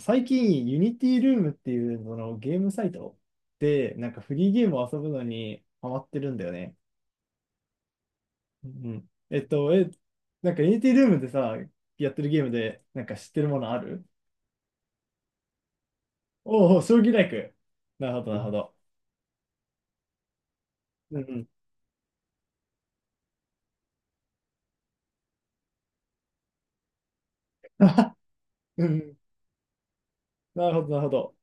最近、ユニティルームっていうそのゲームサイトで、なんかフリーゲームを遊ぶのにハマってるんだよね。うん。なんかユニティルームでさ、やってるゲームで、なんか知ってるものある？おお、将棋ライク。なるほど、なるほど。うんうん。うん。なるほど、なるほど。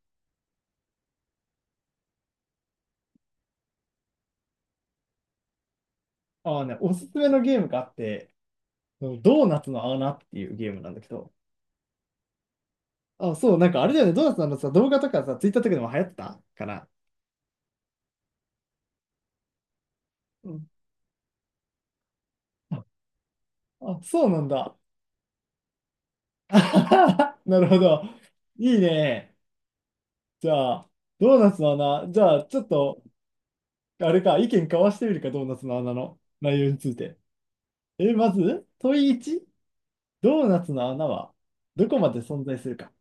ああね、おすすめのゲームがあって、ドーナツの穴っていうゲームなんだけど、あ、そう、なんかあれだよね、ドーナツのあのさ、動画とかさ、ツイッターとかでも流行ってたかな。うん。あ、あ、そうなんだ。なるほど。いいね。じゃあ、ドーナツの穴。じゃあ、ちょっと、あれか、意見交わしてみるか、ドーナツの穴の内容について。まず、問い1、ドーナツの穴はどこまで存在するか。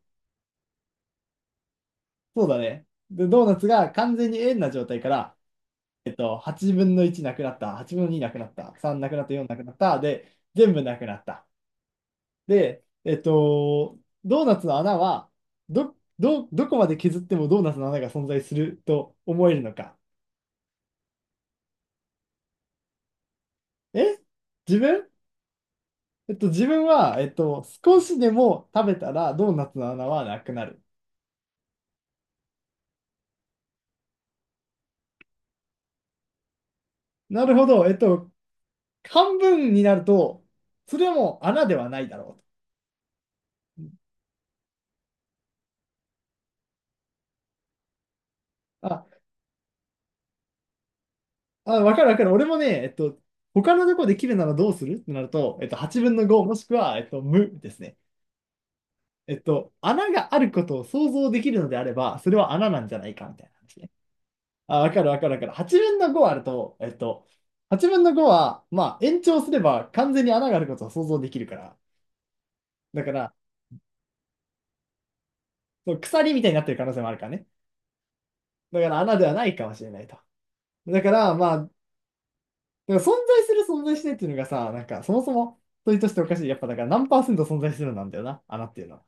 そうだね。で、ドーナツが完全に円な状態から、8分の1なくなった、8分の2なくなった、3なくなった、4なくなった、で、全部なくなった。で、ドーナツの穴は、どこまで削ってもドーナツの穴が存在すると思えるのか。え自分えっと、自分は、少しでも食べたらドーナツの穴はなくなる。なるほど。半分になると、それはもう穴ではないだろうと。あ、わかるわかる。俺もね、他のとこで切るならどうするってなると、8分の5もしくは、無ですね。穴があることを想像できるのであれば、それは穴なんじゃないかみたいな話ね。あ、わかるわかるわかる。8分の5あると、8分の5は、まあ、延長すれば完全に穴があることを想像できるから。だから、そう鎖みたいになってる可能性もあるからね。だから穴ではないかもしれないと。だから、まあ、だから存在する存在しないっていうのがさ、なんかそもそも問いとしておかしい。やっぱだから何パーセント存在するなんだよな、穴っていうのは。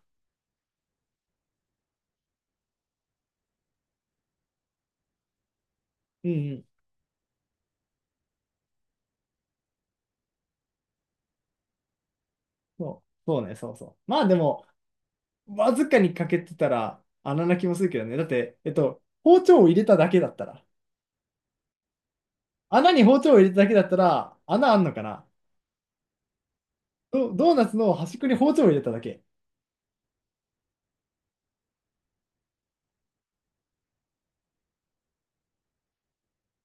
うんうん。そう、そうね、そうそう。まあでも、わずかに欠けてたら穴な気もするけどね。だって、包丁を入れただけだったら、穴に包丁を入れただけだったら、穴あんのかな？ドーナツの端っこに包丁を入れただけ。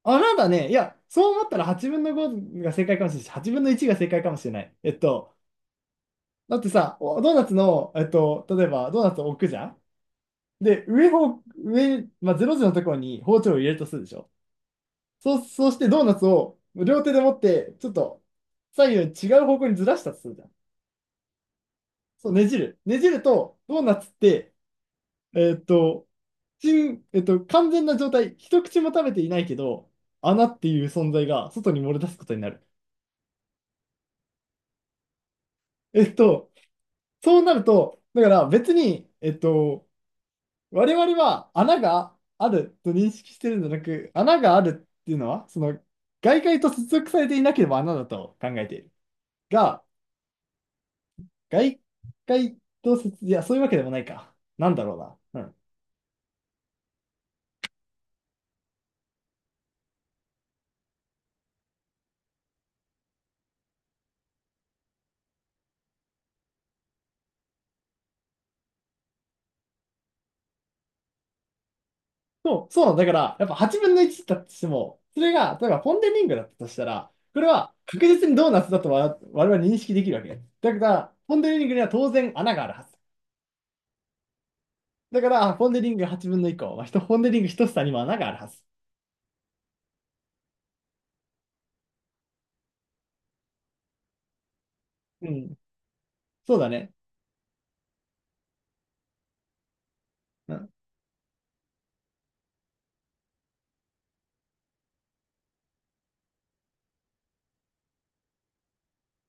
穴だね。いや、そう思ったら8分の5が正解かもしれないし、8分の1が正解かもしれない。だってさ、ドーナツの、例えばドーナツを置くじゃん。で、上、まあ、0時のところに包丁を入れるとするでしょ？そう、そうしてドーナツを両手で持って、ちょっと左右違う方向にずらしたとするじゃん。そう、ねじる。ねじると、ドーナツって、えーっと、真えーっと、完全な状態、一口も食べていないけど、穴っていう存在が外に漏れ出すことになる。えーっと、そうなると、だから別に、我々は穴があると認識してるんじゃなく、穴があるっていうのは、その、外界と接続されていなければ穴だと考えている。が、外界と接、いや、そういうわけでもないか。なんだろうな。うん。そう、そうなんだから、やっぱ8分の1だとしても、それが、例えばポンデリングだったとしたら、これは確実にドーナツだと我々認識できるわけ。だから、ポンデリングには当然穴があるはず。だから、ポンデリング8分の1個、まあ、ひとポンデリング1房にも穴があるはず。うん、そうだね。うん、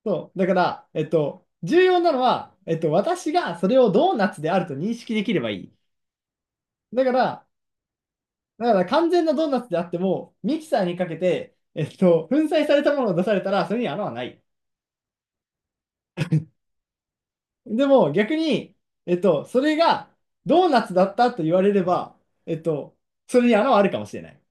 そう。だから、重要なのは、私がそれをドーナツであると認識できればいい。だから、完全なドーナツであっても、ミキサーにかけて、粉砕されたものを出されたら、それに穴はない。でも逆に、それがドーナツだったと言われれば、えっと、それに穴はあるかもしれない。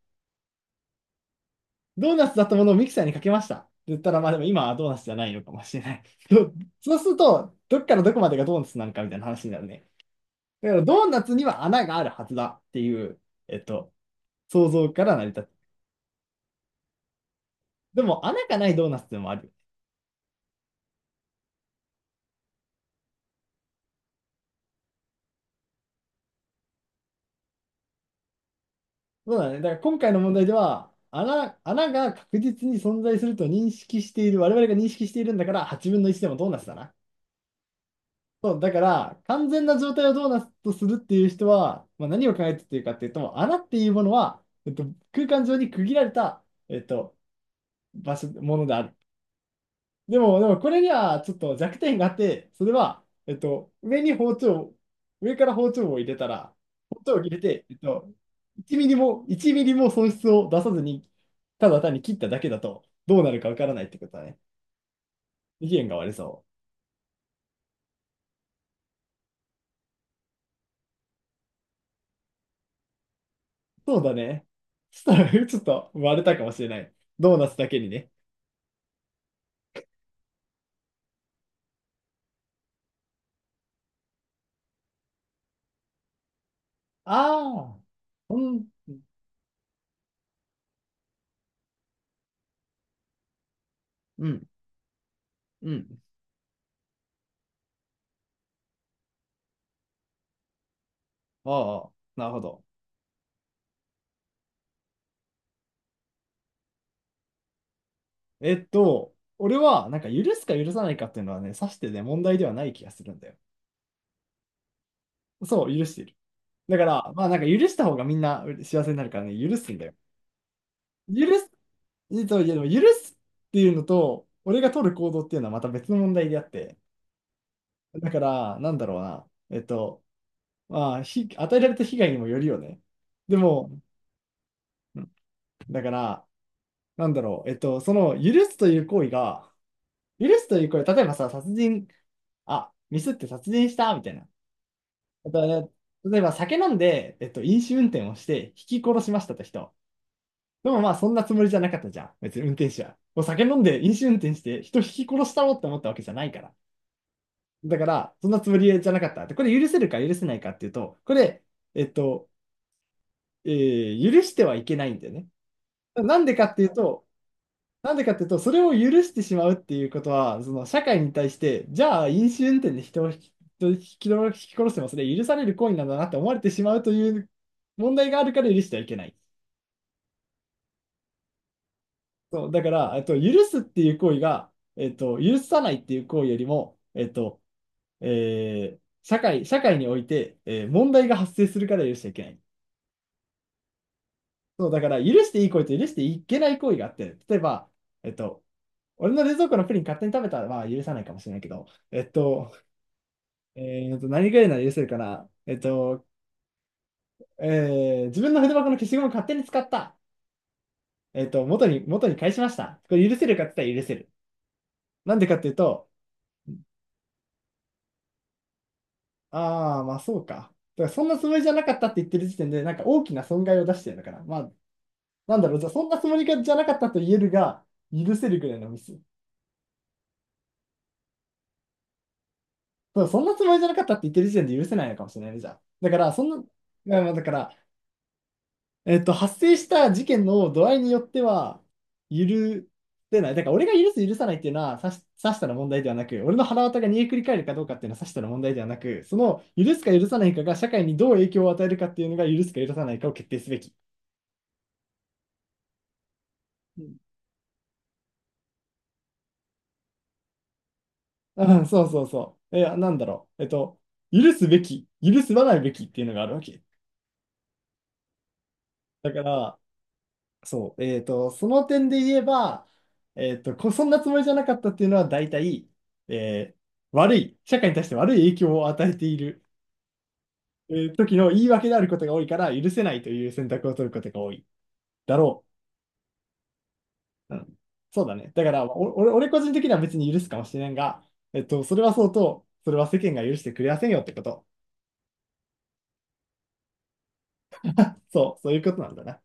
ドーナツだったものをミキサーにかけましたって言ったら、まあでも今はドーナツじゃないのかもしれない。そう、そうすると、どっからどこまでがドーナツなのかみたいな話になるね。だからドーナツには穴があるはずだっていう、えっと、想像から成り立つ。でも穴がないドーナツでもある。そうだね。だから今回の問題では、穴が確実に存在すると認識している、我々が認識しているんだから、8分の1でもドーナツだな。そう、だから、完全な状態をどうなとするっていう人は、まあ、何を考えているかっていうと、穴っていうものは、空間上に区切られた、えっと、場所、ものである。でもこれにはちょっと弱点があって、それは、上から包丁を入れたら、包丁を入れて、1ミリも、1ミリも損失を出さずに、ただ単に切っただけだと、どうなるかわからないってことだね。意見が割れそう。そうだね。そしたら、ちょっと割れたかもしれない。ドーナツだけにね。ああ、うん、うん、うん。ああ、なるほど。俺は、なんか許すか許さないかっていうのはね、さしてね、問題ではない気がするんだよ。そう、許している。だから、まあなんか許した方がみんな幸せになるからね、許すんだよ。許す、いやでも許すっていうのと、俺が取る行動っていうのはまた別の問題であって、だから、なんだろうな。まあ、与えられた被害にもよるよね。でも、だから、なんだろう、その許すという行為が、許すという行為、例えばさ、殺人、あ、ミスって殺人したみたいな。あとね例えば酒飲んで、飲酒運転をして、ひき殺しましたって人。でもまあ、そんなつもりじゃなかったじゃん。別に運転手は。お酒飲んで飲酒運転して、人ひき殺したろって思ったわけじゃないから。だから、そんなつもりじゃなかった。で、これ許せるか許せないかっていうと、これ、えっと、許してはいけないんだよね。なんでかっていうと、なんでかっていうと、それを許してしまうっていうことは、その社会に対して、じゃあ飲酒運転で人を引き殺してもそれ許される行為なんだなって思われてしまうという問題があるから許してはいけない。そう、だから、許すっていう行為が、許さないっていう行為よりも、社会において、問題が発生するから許しちゃいけない。そう、だから、許していい行為と許していけない行為があって、例えば、えっと、俺の冷蔵庫のプリン勝手に食べたら、まあ許さないかもしれないけど、え何がいいな、ら許せるかな。自分の筆箱の消しゴムを勝手に使った。元に返しました。これ許せるかって言ったら許せる。なんでかっていうと、ああ、まあそうか。だからそんなつもりじゃなかったって言ってる時点で、なんか大きな損害を出してるのかな。まあ、なんだろう、じゃあそんなつもりがじゃなかったと言えるが、許せるぐらいのミス。そう、そんなつもりじゃなかったって言ってる時点で許せないのかもしれないね、じゃあ。だから、そんな、まあまあだから、発生した事件の度合いによっては、許せない。だから、俺が許す、許さないっていうのは、さしたら問題ではなく、俺の腹渡が煮えくり返るかどうかっていうのは、さしたら問題ではなく、その、許すか許さないかが、社会にどう影響を与えるかっていうのが、許すか許さないかを決定すべき。うんうん、そうそうそう。なんだろう。許すべき、許すばないべきっていうのがあるわけ。だから、そう、その点で言えば、そんなつもりじゃなかったっていうのは大体、えー悪い、社会に対して悪い影響を与えている、時の言い訳であることが多いから許せないという選択を取ることが多いだろう。うん、そうだね。だから、俺個人的には別に許すかもしれんが、それはそうと、それは世間が許してくれやせんよってこと。そう、そういうことなんだな。